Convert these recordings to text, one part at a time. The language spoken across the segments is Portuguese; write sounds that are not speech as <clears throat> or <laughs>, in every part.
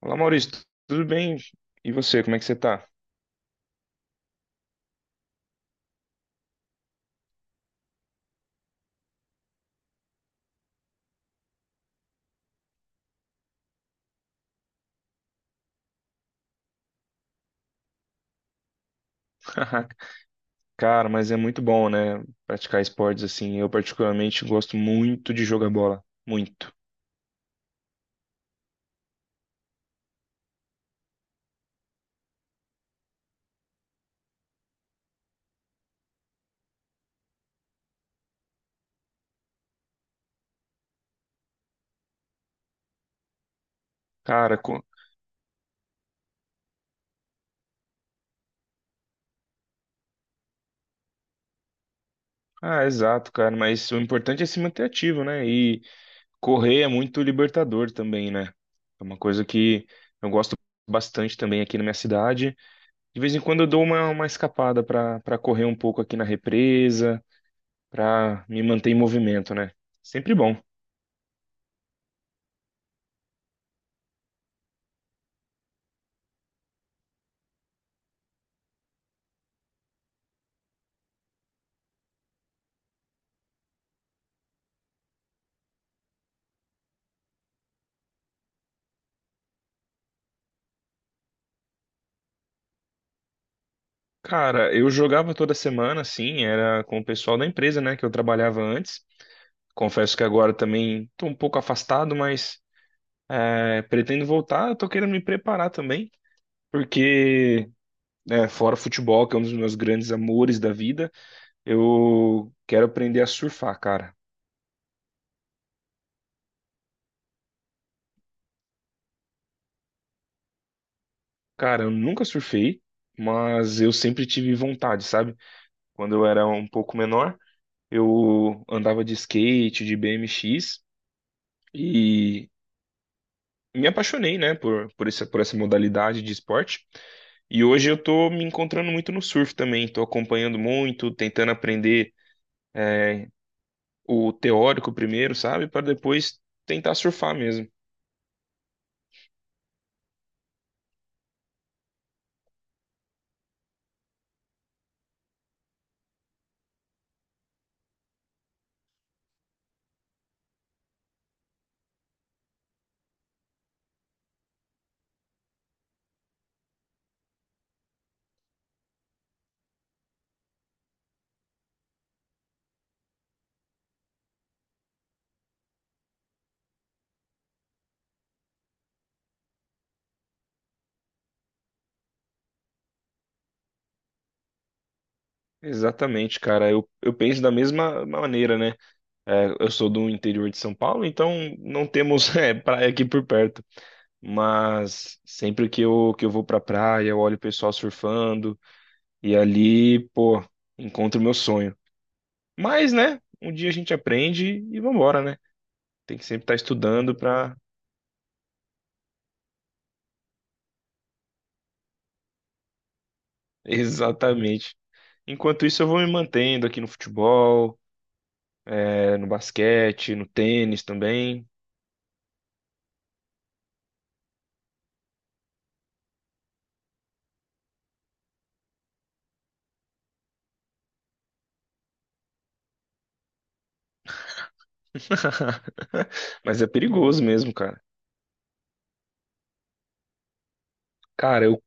Olá, Maurício, tudo bem? E você, como é que você tá? <laughs> Cara, mas é muito bom, né? Praticar esportes assim. Eu, particularmente, gosto muito de jogar bola. Muito. Cara, co- ah, exato, cara. Mas o importante é se manter ativo, né? E correr é muito libertador também, né? É uma coisa que eu gosto bastante também aqui na minha cidade. De vez em quando eu dou uma escapada pra para correr um pouco aqui na represa, pra me manter em movimento, né? Sempre bom. Cara, eu jogava toda semana, assim, era com o pessoal da empresa, né, que eu trabalhava antes. Confesso que agora também tô um pouco afastado, mas pretendo voltar. Eu tô querendo me preparar também, porque fora o futebol, que é um dos meus grandes amores da vida, eu quero aprender a surfar, cara. Cara, eu nunca surfei, mas eu sempre tive vontade, sabe? Quando eu era um pouco menor, eu andava de skate, de BMX. Me apaixonei, né, por essa modalidade de esporte. E hoje eu tô me encontrando muito no surf também, tô acompanhando muito, tentando aprender o teórico primeiro, sabe, para depois tentar surfar mesmo. Exatamente, cara. Eu penso da mesma maneira, né? É, eu sou do interior de São Paulo, então não temos <laughs> é, praia aqui por perto. Mas sempre que eu vou pra praia, eu olho o pessoal surfando e ali, pô, encontro o meu sonho. Mas, né? Um dia a gente aprende e vambora, né? Tem que sempre estar estudando para. <laughs> Exatamente. Enquanto isso, eu vou me mantendo aqui no futebol, no basquete, no tênis também. <laughs> Mas é perigoso mesmo, cara. Cara,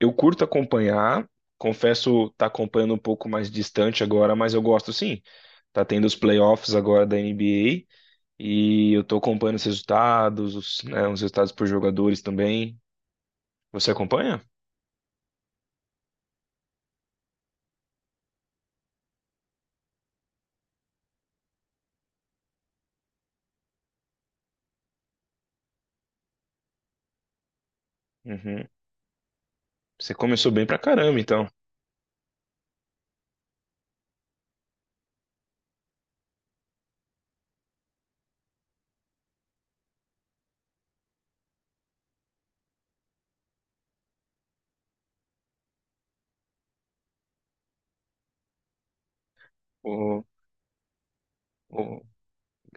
eu curto acompanhar. Confesso, tá acompanhando um pouco mais distante agora, mas eu gosto sim. Tá tendo os playoffs agora da NBA e eu tô acompanhando os resultados, os, né, os resultados por jogadores também. Você acompanha? Uhum. Você começou bem pra caramba, então. O, o-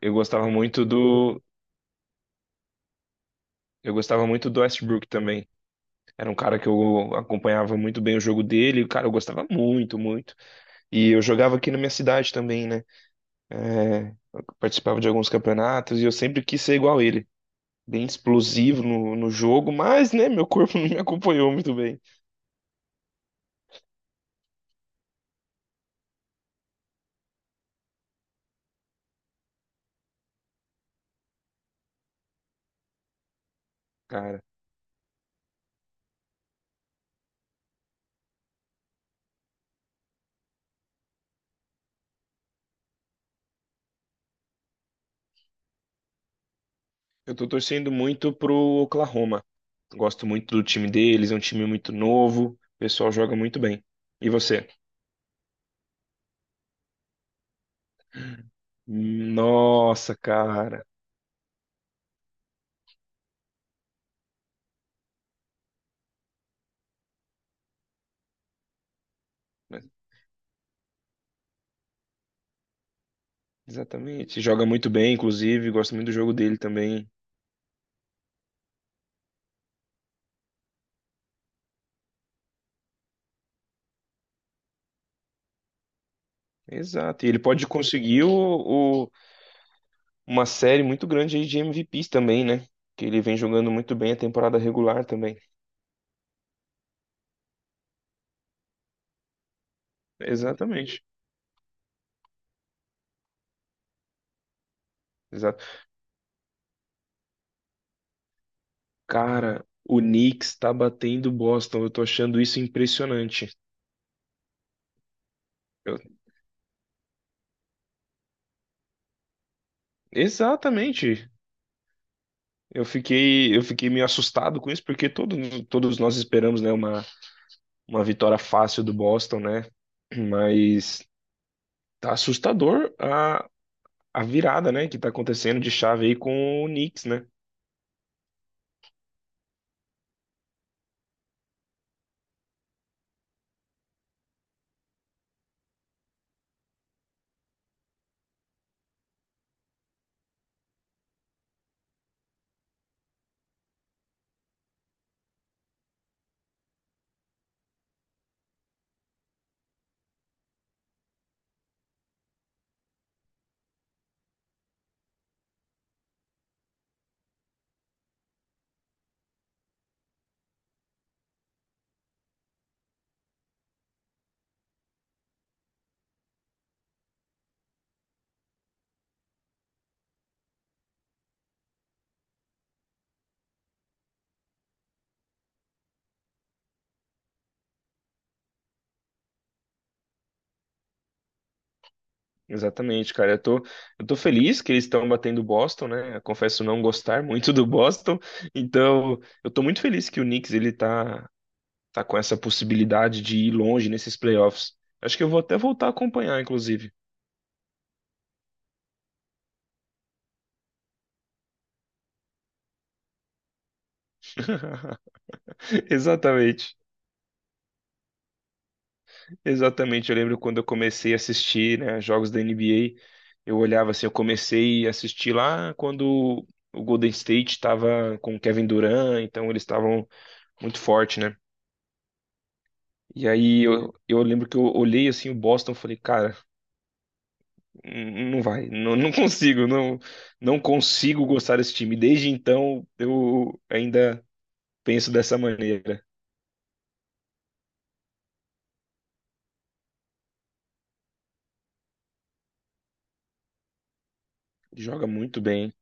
eu gostava muito eu gostava muito do Westbrook também. Era um cara que eu acompanhava muito bem o jogo dele. Cara, eu gostava muito, muito. E eu jogava aqui na minha cidade também, né? É, eu participava de alguns campeonatos e eu sempre quis ser igual ele. Bem explosivo no jogo, mas, né, meu corpo <laughs> não me acompanhou muito bem. Cara, eu tô torcendo muito pro Oklahoma. Gosto muito do time deles, é um time muito novo. O pessoal joga muito bem. E você? Nossa, cara. Exatamente. Joga muito bem, inclusive. Gosto muito do jogo dele também. Exato. E ele pode conseguir uma série muito grande aí de MVPs também, né? Que ele vem jogando muito bem a temporada regular também. Exatamente. Exato. Cara, o Knicks tá batendo Boston. Eu tô achando isso impressionante. Eu- Exatamente. Eu fiquei meio assustado com isso, porque todos nós esperamos, né, uma vitória fácil do Boston, né? <clears throat> Mas tá assustador a virada, né, que tá acontecendo de chave aí com o Knicks, né? Exatamente, cara. Eu tô feliz que eles estão batendo o Boston, né? Eu confesso não gostar <laughs> muito do Boston. Então, eu tô muito feliz que o Knicks tá com essa possibilidade de ir longe nesses playoffs. Acho que eu vou até voltar a acompanhar, inclusive. <laughs> Exatamente. Exatamente, eu lembro quando eu comecei a assistir, né, jogos da NBA, eu olhava assim, eu comecei a assistir lá quando o Golden State estava com o Kevin Durant, então eles estavam muito forte, né? E aí eu lembro que eu olhei assim o Boston, e falei, cara, não vai, não consigo, não consigo gostar desse time. Desde então eu ainda penso dessa maneira. Joga muito bem.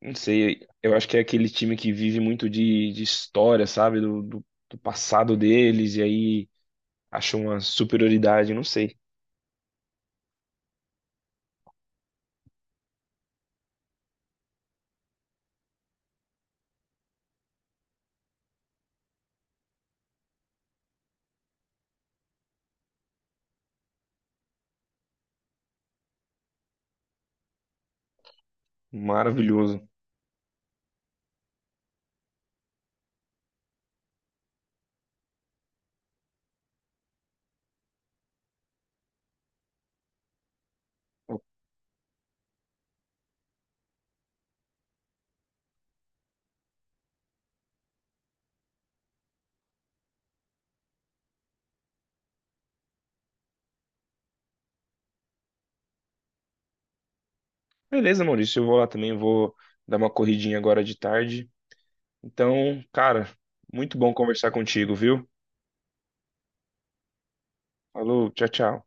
Não sei, eu acho que é aquele time que vive muito de história, sabe? Do passado deles, e aí acha uma superioridade, não sei. Maravilhoso. Beleza, Maurício, eu vou dar uma corridinha agora de tarde. Então, cara, muito bom conversar contigo, viu? Falou, tchau, tchau.